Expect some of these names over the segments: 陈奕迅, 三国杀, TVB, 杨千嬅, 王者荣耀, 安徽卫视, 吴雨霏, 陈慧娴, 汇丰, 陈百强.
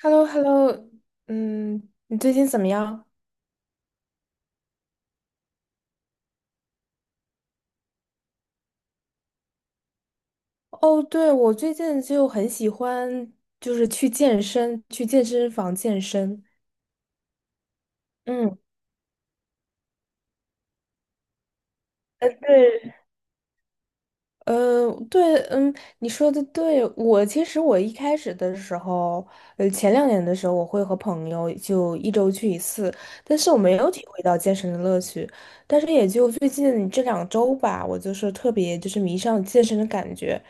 h e l l o h e l l o。 你最近怎么样？我最近就很喜欢，去健身，去健身房健身。嗯，呃，对。呃，对，嗯，你说的对。我其实我一开始的时候，前两年的时候，我会和朋友就一周去一次，但是我没有体会到健身的乐趣。但是也就最近这两周吧，我特别迷上健身的感觉，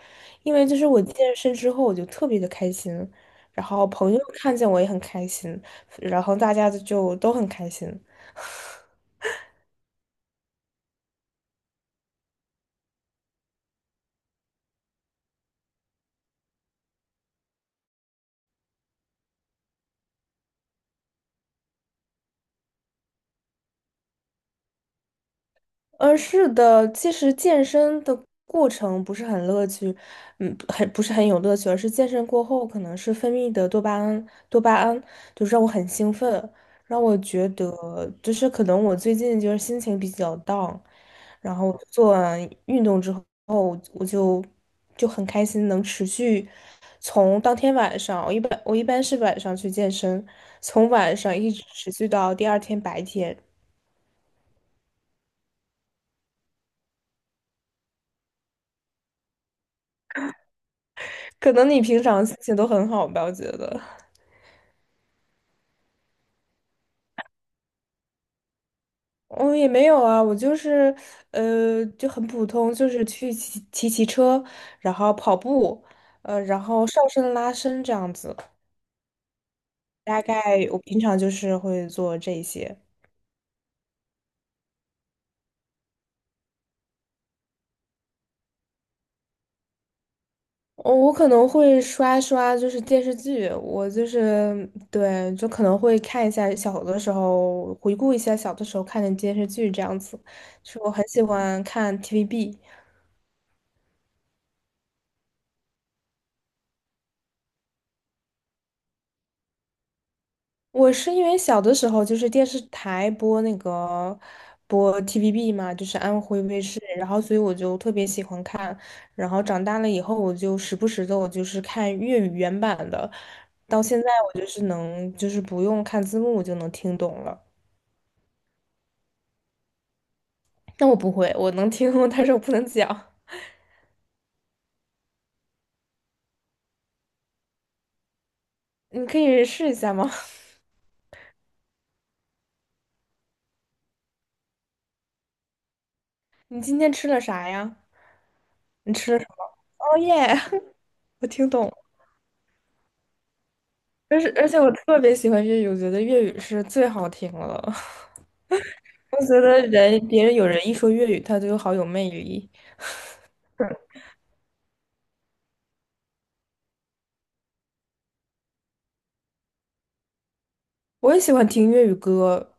因为我健身之后，我就特别的开心，然后朋友看见我也很开心，然后大家就都很开心。嗯，是的，其实健身的过程不是很乐趣，很不是很有乐趣，而是健身过后可能是分泌的多巴胺，多巴胺就是让我很兴奋，让我觉得就是可能我最近就是心情比较 down,然后做完运动之后，我就很开心，能持续从当天晚上，我一般是晚上去健身，从晚上一直持续到第二天白天。可能你平常心情都很好吧，我觉得。我也没有啊，我就很普通，就是去骑车，然后跑步，然后上身拉伸这样子。大概我平常就是会做这些。哦，我可能会刷，就是电视剧，我就是对，就可能会看一下小的时候，回顾一下小的时候看的电视剧这样子。是我很喜欢看 TVB。我是因为小的时候就是电视台播播 TVB 嘛，就是安徽卫视，然后所以我就特别喜欢看，然后长大了以后我就时不时的我看粤语原版的，到现在我就是能不用看字幕我就能听懂了。那我不会，我能听，但是我不能讲。你可以试一下吗？你今天吃了啥呀？你吃了什么？哦耶，我听懂了。而且我特别喜欢粤语，我觉得粤语是最好听了。我觉得人别人有人一说粤语，他就好有魅力。嗯，我也喜欢听粤语歌。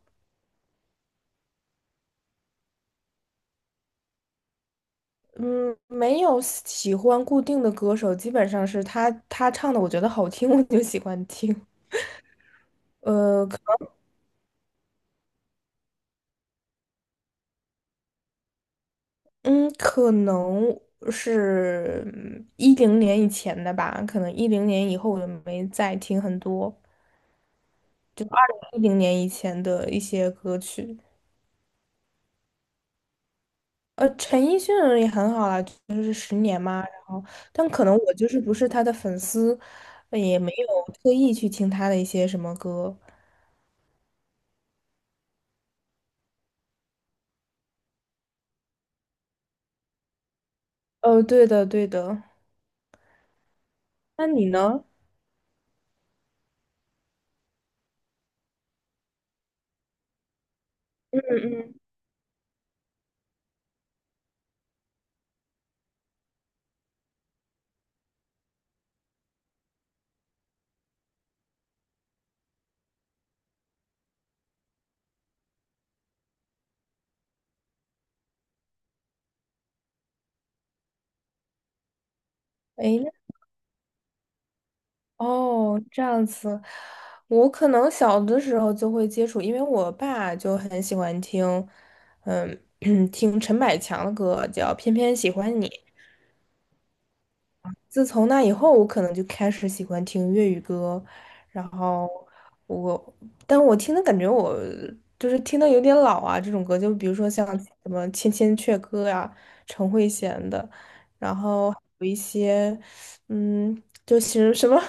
嗯，没有喜欢固定的歌手，基本上是他唱的，我觉得好听，我就喜欢听。呃，可可能是一零年以前的吧，可能一零年以后我就没再听很多一零年以前的一些歌曲。陈奕迅也很好啦，就是十年嘛，然后，但可能我就是不是他的粉丝，呃也没有特意去听他的一些什么歌。哦，对的，对的。那你呢？嗯嗯。诶，那哦，这样子，我可能小的时候就会接触，因为我爸就很喜欢听，嗯，听陈百强的歌，叫《偏偏喜欢你》。自从那以后，我可能就开始喜欢听粤语歌，然后我，但我听的感觉我听的有点老啊，这种歌，就比如说像什么《千千阙歌》呀、陈慧娴的，然后有一些，就是什么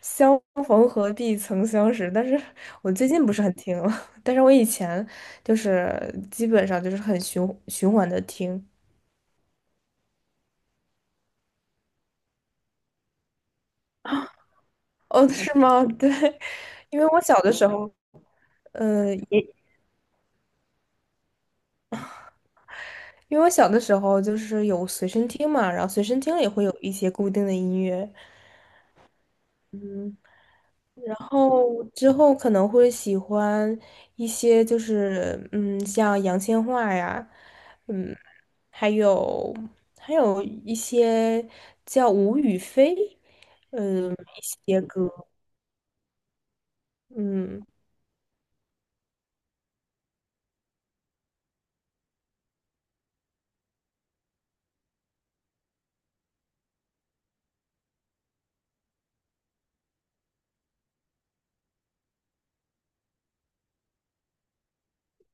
“相逢何必曾相识"，但是我最近不是很听了，但是我以前就是基本上就是很循循环的听。哦，是吗？对，因为我小的时候。也因为我小的时候就是有随身听嘛，然后随身听里会有一些固定的音乐，然后之后可能会喜欢一些像杨千嬅呀，嗯，还有还有一些叫吴雨霏，嗯，一些歌，嗯。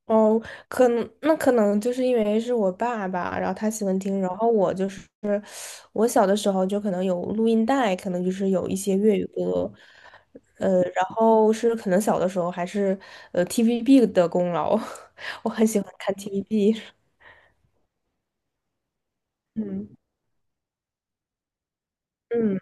哦，可能那可能就是因为是我爸爸，然后他喜欢听，然后我就是我小的时候就可能有录音带，可能就是有一些粤语歌，然后是可能小的时候还是呃 TVB 的功劳，我很喜欢看 TVB 嗯嗯，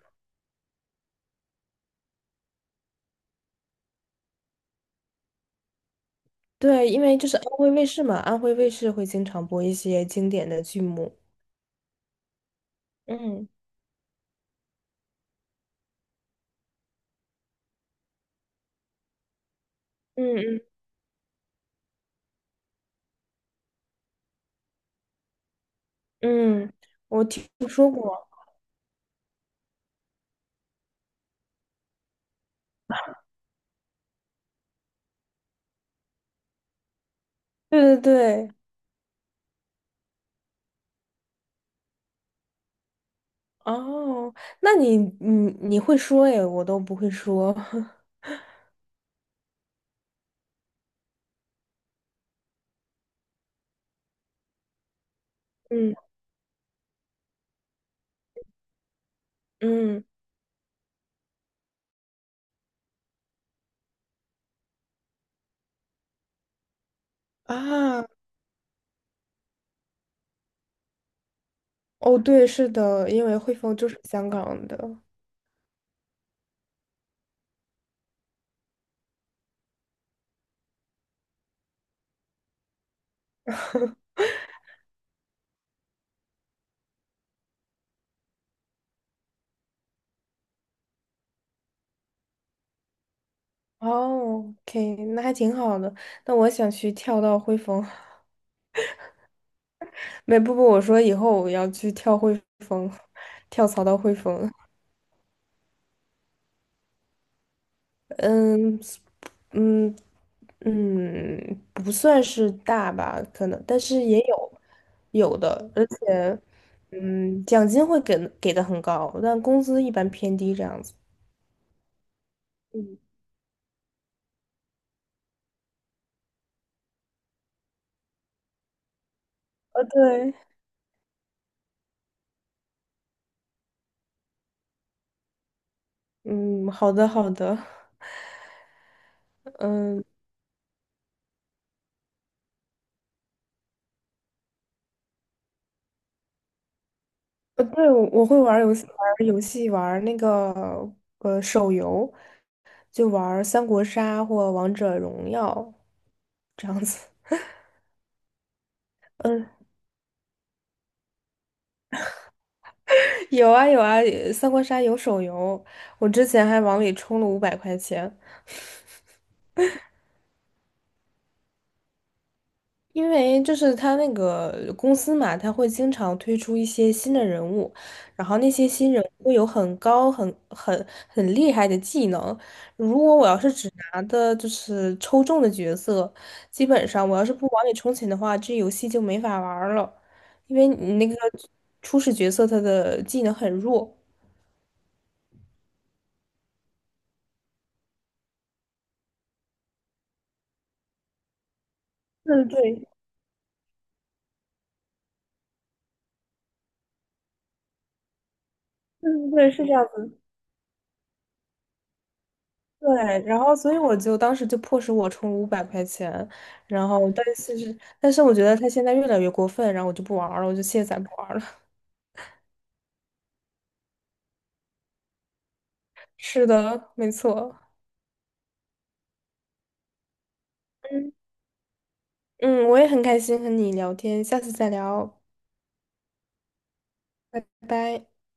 对，因为就是安徽卫视嘛，安徽卫视会经常播一些经典的剧目。嗯嗯嗯嗯，我听说过。对对对，哦，那你你你会说耶，我都不会说。嗯嗯啊。是的，因为汇丰就是香港的。哦，OK,那还挺好的。那我想去跳到汇丰，没，不不，我说以后我要去跳汇丰，跳槽到汇丰。嗯嗯嗯，不算是大吧，可能，但是也有有的，而且嗯，奖金会给的很高，但工资一般偏低这样子。呃，对，嗯，好的好的，嗯。对，我会玩儿游戏，玩儿那个呃手游，就玩儿三国杀或王者荣耀这样子。嗯，有啊有啊，呃三国杀有手游，我之前还往里充了五百块钱。因为就是他那个公司嘛，他会经常推出一些新的人物，然后那些新人物会有很高、很厉害的技能。如果我要是只拿的就是抽中的角色，基本上我要是不往里充钱的话，这游戏就没法玩儿了，因为你那个初始角色他的技能很弱。嗯，对，嗯，对，是这样。对，然后所以我就当时就迫使我充五百块钱，但是我觉得他现在越来越过分，然后我就不玩儿了，我就卸载不玩儿了。是的，没错。嗯嗯，我也很开心和你聊天，下次再聊，拜拜。